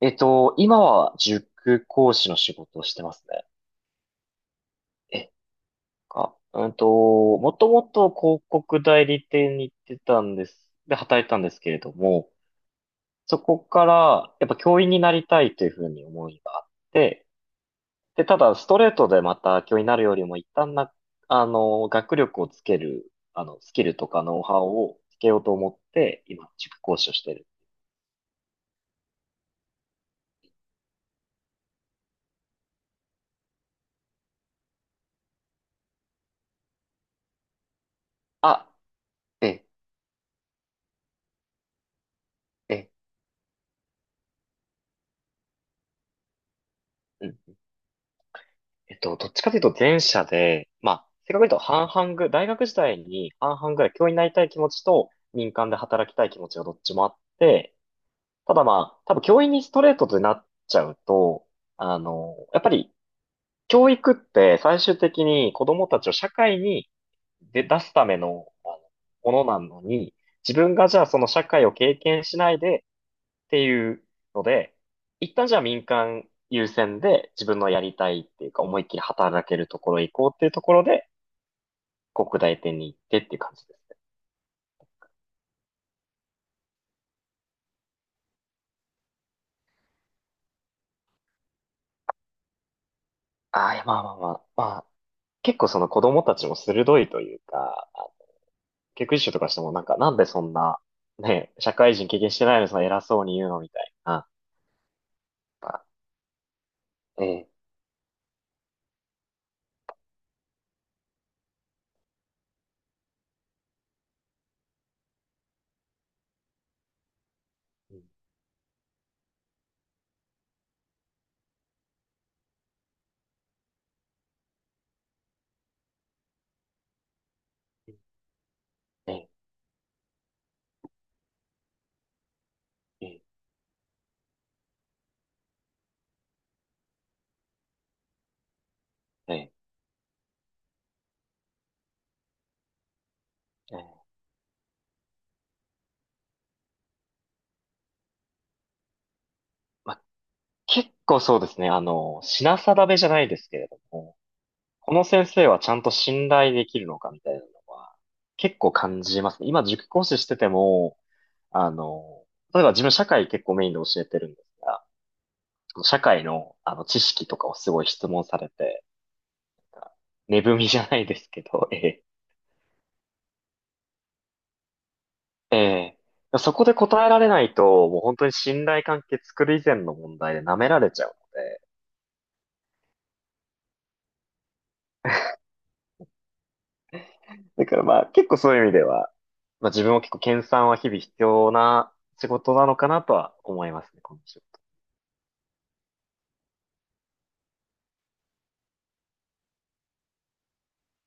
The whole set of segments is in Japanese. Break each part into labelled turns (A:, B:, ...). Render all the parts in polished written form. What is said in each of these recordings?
A: 今は塾講師の仕事をしてますね。え、か、うんと、もともと広告代理店に行ってたんです。で、働いたんですけれども、そこから、やっぱ教員になりたいというふうに思いがあって、ただ、ストレートでまた教員になるよりも、一旦な、あの、学力をつける、スキルとかノウハウをつけようと思って、今、塾講師をしてる。あ、え、え、うんどっちかというと前者で、まあ、正確に言うと半々ぐ、大学時代に半々ぐらい教員になりたい気持ちと民間で働きたい気持ちがどっちもあって、ただまあ、多分教員にストレートでなっちゃうと、やっぱり教育って最終的に子供たちを社会に出すための、ものなのに、自分がじゃあその社会を経験しないでっていうので、一旦じゃあ民間優先で自分のやりたいっていうか思いっきり働けるところへ行こうっていうところで、国大店に行ってっていう感じですね。ああ、いや、まあまあまあ、まあ、結構その子供たちも鋭いというか、教育実習とかしてもなんかなんでそんな、ね、社会人経験してないのにその偉そうに言うのみたいな。まあ、ええ、ええ、ええ、ええ、ええ。まあ、結構そうですね、品定めじゃないですけれども、この先生はちゃんと信頼できるのかみたいなのは結構感じますね。今塾講師してても、あの、例えば自分社会結構メインで教えてるんですが、社会の、知識とかをすごい質問されて、値踏みじゃないですけど、ええ、ええ、そこで答えられないと、もう本当に信頼関係作る以前の問題で舐められちゃうので、だからまあ結構そういう意味では、まあ自分も結構研鑽は日々必要な仕事なのかなとは思いますね、この仕事。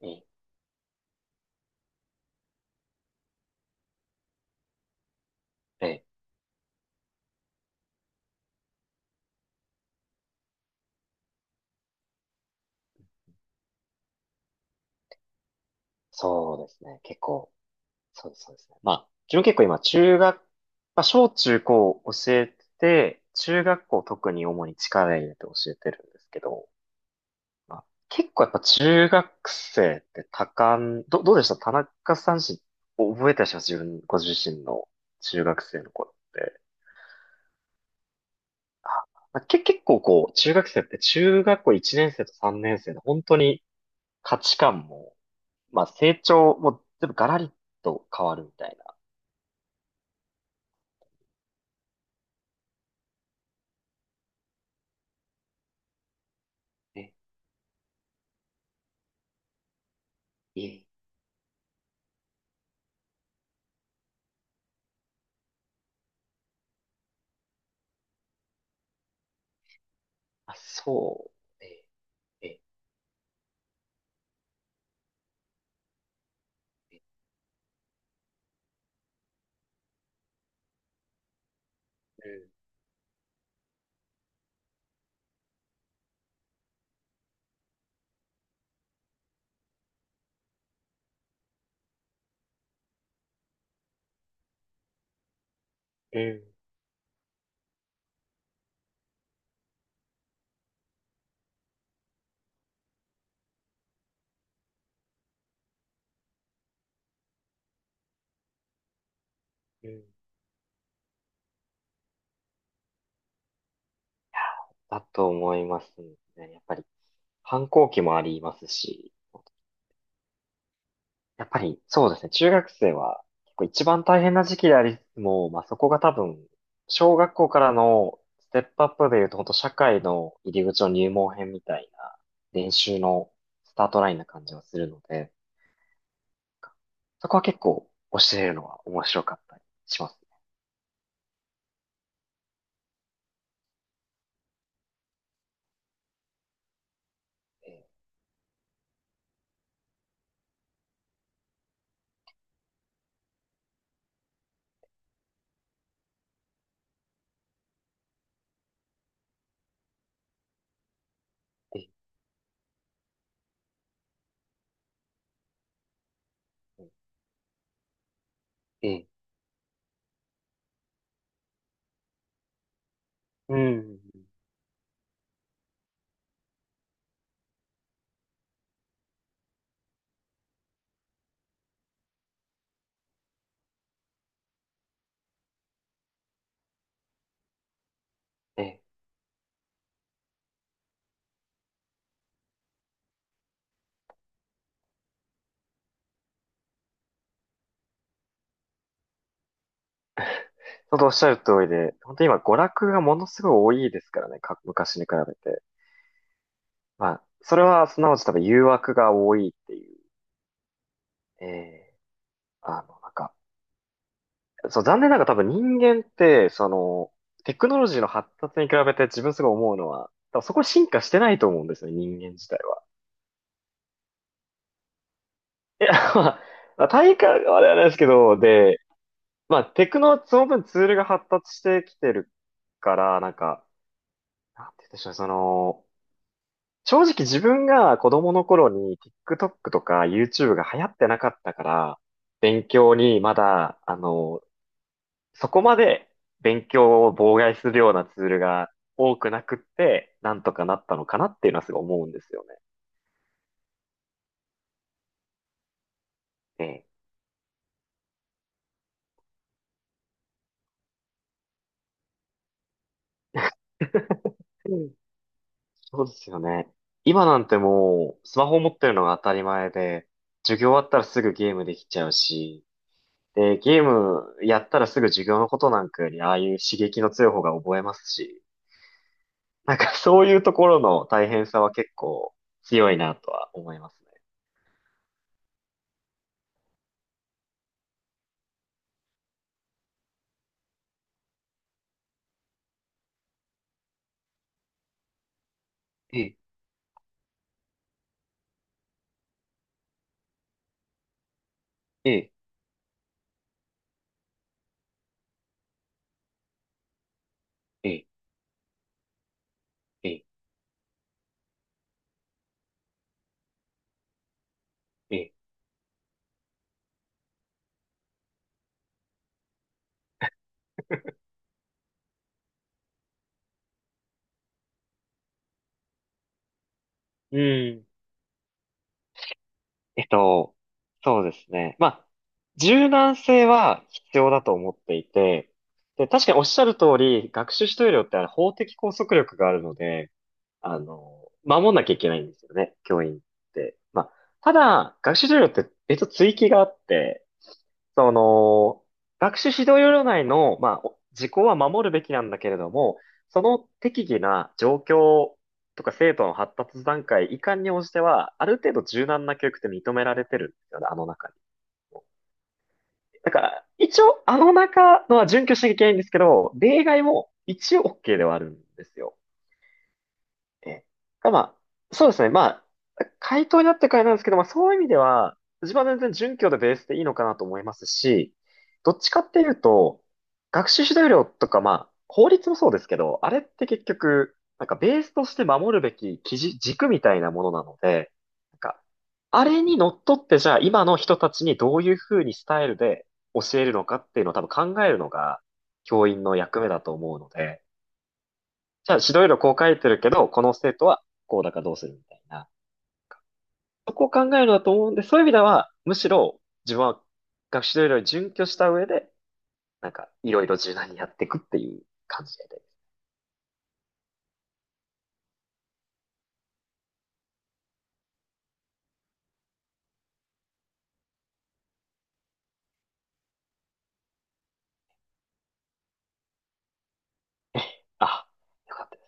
A: ええ、ええ、そうですね。結構、そうですね。まあ、自分結構今、中学、まあ、小中高教えてて、中学校特に主に力入れて教えてるんですけど、まあ、結構やっぱ中学生って多感、どうでした田中さんし、覚えてらっしゃいます自分、ご自身の中学生の頃って。まあ、結構こう、中学生って中学校1年生と3年生で本当に価値観も、まあ成長も全部ガラリと変わるみたいな。ねい、あ、そうねえ、え、えうん、うん、うん、だと思いますね。やっぱり、反抗期もありますし、やっぱり、そうですね。中学生は、結構一番大変な時期でありつつも、まあ、そこが多分、小学校からのステップアップで言うと、本当社会の入り口の入門編みたいな、練習のスタートラインな感じがするので、そこは結構教えるのは面白かったりしますね。え、え、うんええ、ええ、うん、ええ。本当おっしゃる通りで、本当今娯楽がものすごい多いですからね、昔に比べて。まあ、それはすなわち多分誘惑が多いっていう、ね、ええ。あの、なんか、そう、残念ながら多分人間って、テクノロジーの発達に比べて自分すごい思うのは、多分そこ進化してないと思うんですよね、人間自体は。いや、まあ、まあ、体感はあれはないですけど、まあ、テクノ、その分ツールが発達してきてるから、なんか、なんて言うんでしょうね、その、正直自分が子供の頃に TikTok とか YouTube が流行ってなかったから、勉強にまだ、そこまで勉強を妨害するようなツールが多くなくって、なんとかなったのかなっていうのはすごい思うんですよね。ええ、うん、そうですよね。今なんてもう、スマホを持ってるのが当たり前で、授業終わったらすぐゲームできちゃうし、で、ゲームやったらすぐ授業のことなんかより、ああいう刺激の強い方が覚えますし、なんかそういうところの大変さは結構強いなとは思いますね。ええ、ええ、ええ、ええ。うん。えっと、そうですね。まあ、柔軟性は必要だと思っていて、で、確かにおっしゃる通り、学習指導料ってあれ法的拘束力があるので、守んなきゃいけないんですよね、教員って。まあ、ただ、学習指導料って別の追記があって、その、学習指導要領内の、まあ、お時効は守るべきなんだけれども、その適宜な状況とか生徒の発達段階、遺憾に応じては、ある程度柔軟な教育って認められてるんですよね、あの中に。だから、一応、あの中のは準拠しなきゃいけないんですけど、例外も一応 OK ではあるんですよ。ええ、まあ、そうですね。まあ、回答になってからなんですけど、まあそういう意味では、自分は全然準教でベースでいいのかなと思いますし、どっちかっていうと、学習指導料とか、まあ、法律もそうですけど、あれって結局、なんかベースとして守るべき基準、軸みたいなものなので、なんか、あれにのっとってじゃあ今の人たちにどういうふうにスタイルで教えるのかっていうのを多分考えるのが教員の役目だと思うので、じゃあ指導要領こう書いてるけど、この生徒はこうだからどうするみたいな。そこを考えるだと思うんで、そういう意味では、むしろ自分は学習指導要に準拠した上で、なんかいろいろ柔軟にやっていくっていう感じで。あ、よかった。